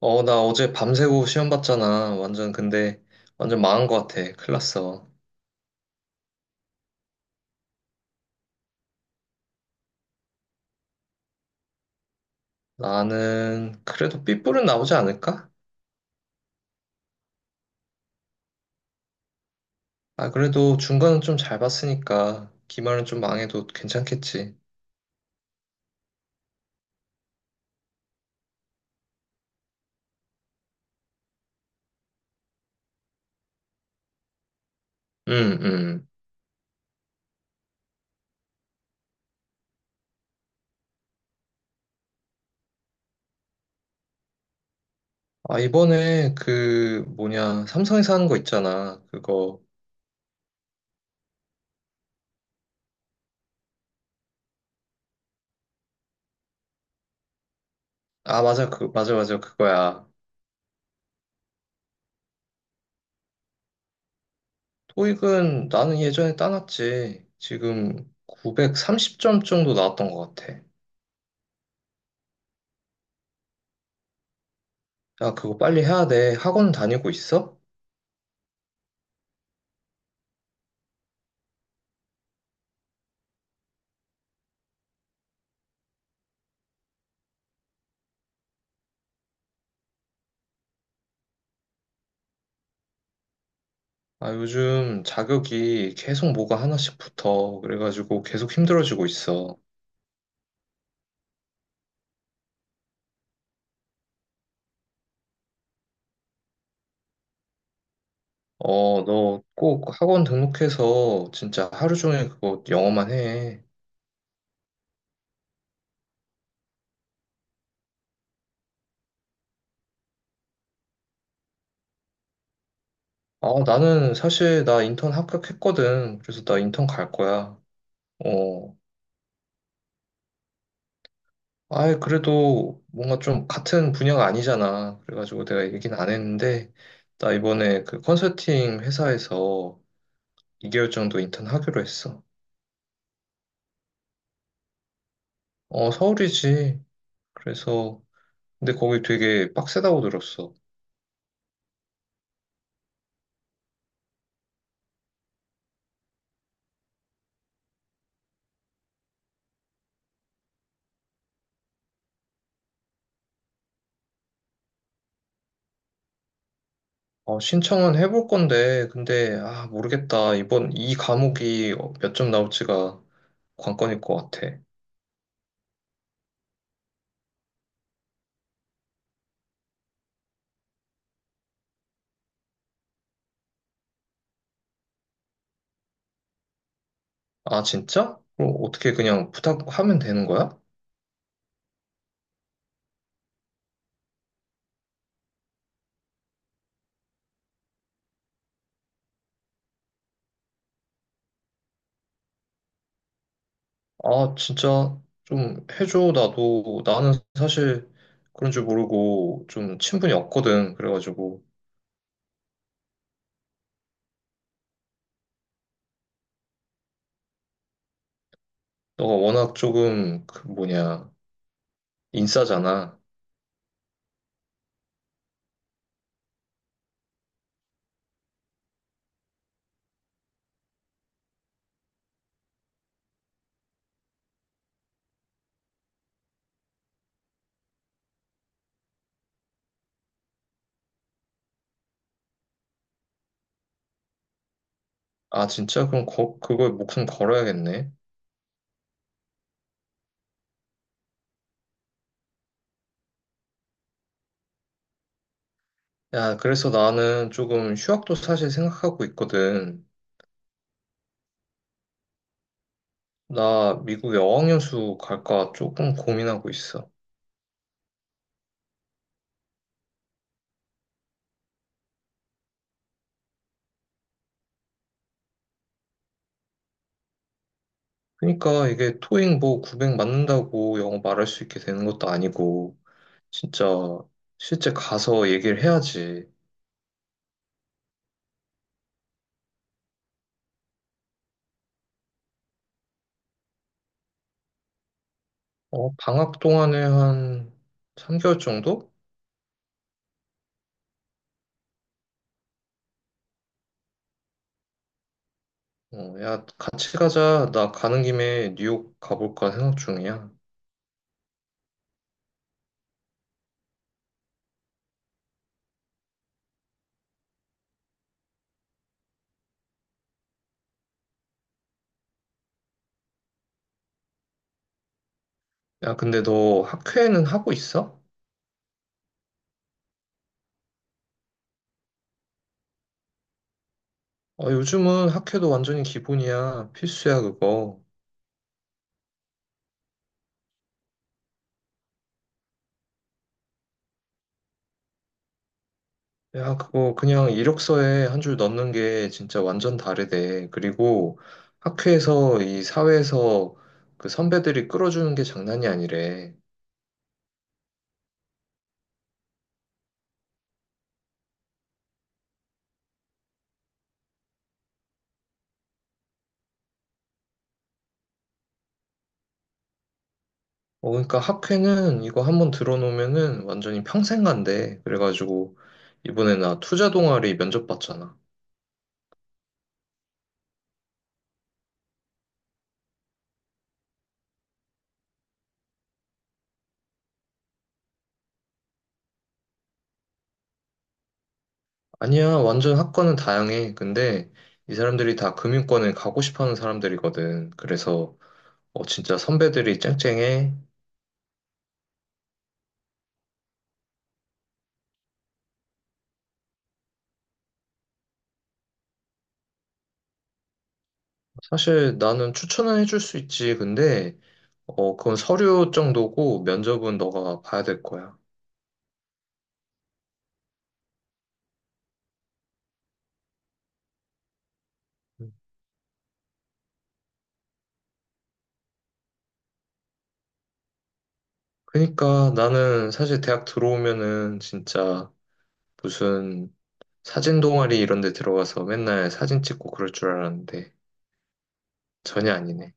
어, 나 어제 밤새고 시험 봤잖아. 완전, 근데, 완전 망한 것 같아. 큰일 났어. 나는, 그래도 삐뿔은 나오지 않을까? 아, 그래도 중간은 좀 잘 봤으니까, 기말은 좀 망해도 괜찮겠지. 응, 응. 아, 이번에, 그, 뭐냐, 삼성에서 하는 거 있잖아. 그거. 아, 맞아, 그, 맞아, 맞아, 그거야. 토익은 나는 예전에 따놨지. 지금 930점 정도 나왔던 것 같아. 야, 그거 빨리 해야 돼. 학원 다니고 있어? 아, 요즘 자격이 계속 뭐가 하나씩 붙어. 그래가지고 계속 힘들어지고 있어. 어, 너 꼭 학원 등록해서 진짜 하루 종일 그거 영어만 해. 아, 나는 사실 나 인턴 합격했거든. 그래서 나 인턴 갈 거야. 어, 아이, 그래도 뭔가 좀 같은 분야가 아니잖아. 그래가지고 내가 얘기는 안 했는데, 나 이번에 그 컨설팅 회사에서 2개월 정도 인턴 하기로 했어. 어, 서울이지. 그래서 근데 거기 되게 빡세다고 들었어. 어, 신청은 해볼 건데, 근데, 아, 모르겠다. 이번 이 과목이 몇 점 나올지가 관건일 것 같아. 아, 진짜? 그럼 어떻게 그냥 부탁하면 되는 거야? 아, 진짜 좀 해줘. 나도, 나는 사실 그런 줄 모르고 좀 친분이 없거든. 그래가지고, 너가 워낙 조금, 그 뭐냐, 인싸잖아. 아, 진짜? 그럼 그거에 목숨 걸어야겠네. 야, 그래서 나는 조금 휴학도 사실 생각하고 있거든. 나 미국에 어학연수 갈까 조금 고민하고 있어. 그러니까 이게 토익 뭐 900 맞는다고 영어 말할 수 있게 되는 것도 아니고, 진짜 실제 가서 얘기를 해야지. 어, 방학 동안에 한 3개월 정도? 어, 야, 같이 가자. 나 가는 김에 뉴욕 가볼까 생각 중이야. 야, 근데 너 학회는 하고 있어? 어, 요즘은 학회도 완전히 기본이야. 필수야, 그거. 야, 그거 그냥 이력서에 한 줄 넣는 게 진짜 완전 다르대. 그리고 학회에서 이 사회에서 그 선배들이 끌어주는 게 장난이 아니래. 어, 그러니까 학회는 이거 한번 들어놓으면은 완전히 평생 간대. 그래가지고 이번에 나 투자 동아리 면접 봤잖아. 아니야, 완전 학과는 다양해. 근데 이 사람들이 다 금융권에 가고 싶어 하는 사람들이거든. 그래서 어, 진짜 선배들이 짱짱해. 사실 나는 추천은 해줄 수 있지. 근데, 어, 그건 서류 정도고 면접은 너가 봐야 될 거야. 음. 그러니까 나는 사실 대학 들어오면은 진짜 무슨 사진 동아리 이런 데 들어가서 맨날 사진 찍고 그럴 줄 알았는데 전혀 아니네.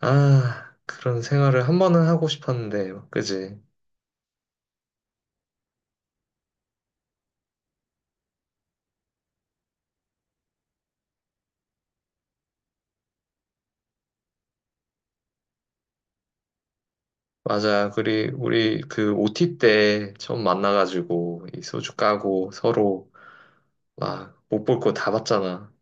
아, 그런 생활을 한 번은 하고 싶었는데, 그지? 맞아. 우리 그 OT 때 처음 만나가지고 이 소주 까고 서로 막 못 볼 거 다 봤잖아.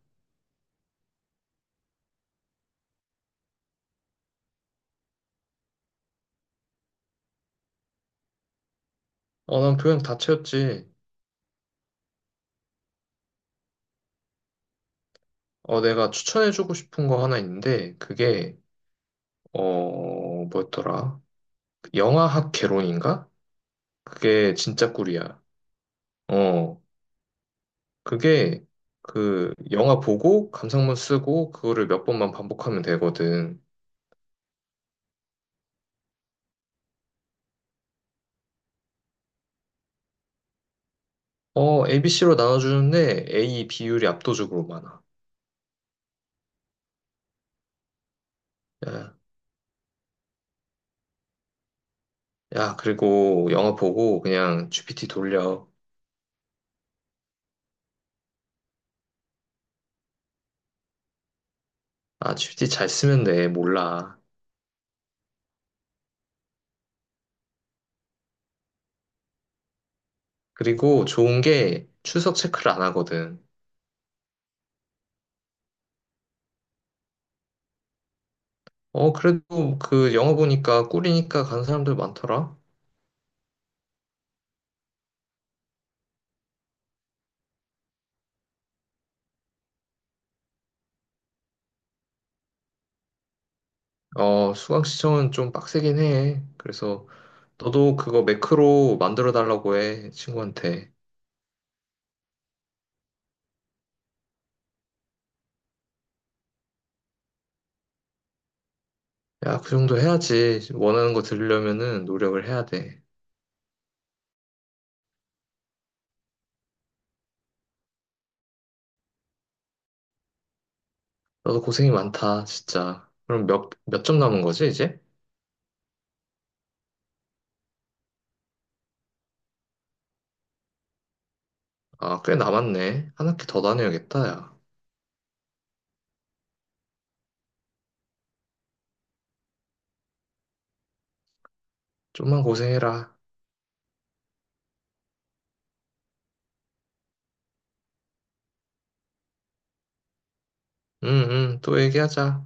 어, 난 교양 다 채웠지. 어, 내가 추천해주고 싶은 거 하나 있는데, 그게, 어, 뭐였더라? 영화학 개론인가? 그게 진짜 꿀이야. 어, 그게, 그, 영화 보고, 감상문 쓰고, 그거를 몇 번만 반복하면 되거든. 어, ABC로 나눠주는데, A 비율이 압도적으로 많아. 야, 야, 그리고 영화 보고, 그냥 GPT 돌려. 아, GPT 잘 쓰면 돼. 몰라. 그리고 좋은 게, 출석 체크를 안 하거든. 어, 그래도 그 영어 보니까 꿀이니까 간 사람들 많더라. 어, 수강 시청은 좀 빡세긴 해. 그래서 너도 그거 매크로 만들어 달라고 해, 친구한테. 야, 그 정도 해야지. 원하는 거 들으려면은 노력을 해야 돼. 너도 고생이 많다, 진짜. 그럼 몇 점 남은 거지, 이제? 아, 꽤 남았네. 한 학기 더 다녀야겠다, 야. 좀만 고생해라. 응, 응, 또 얘기하자.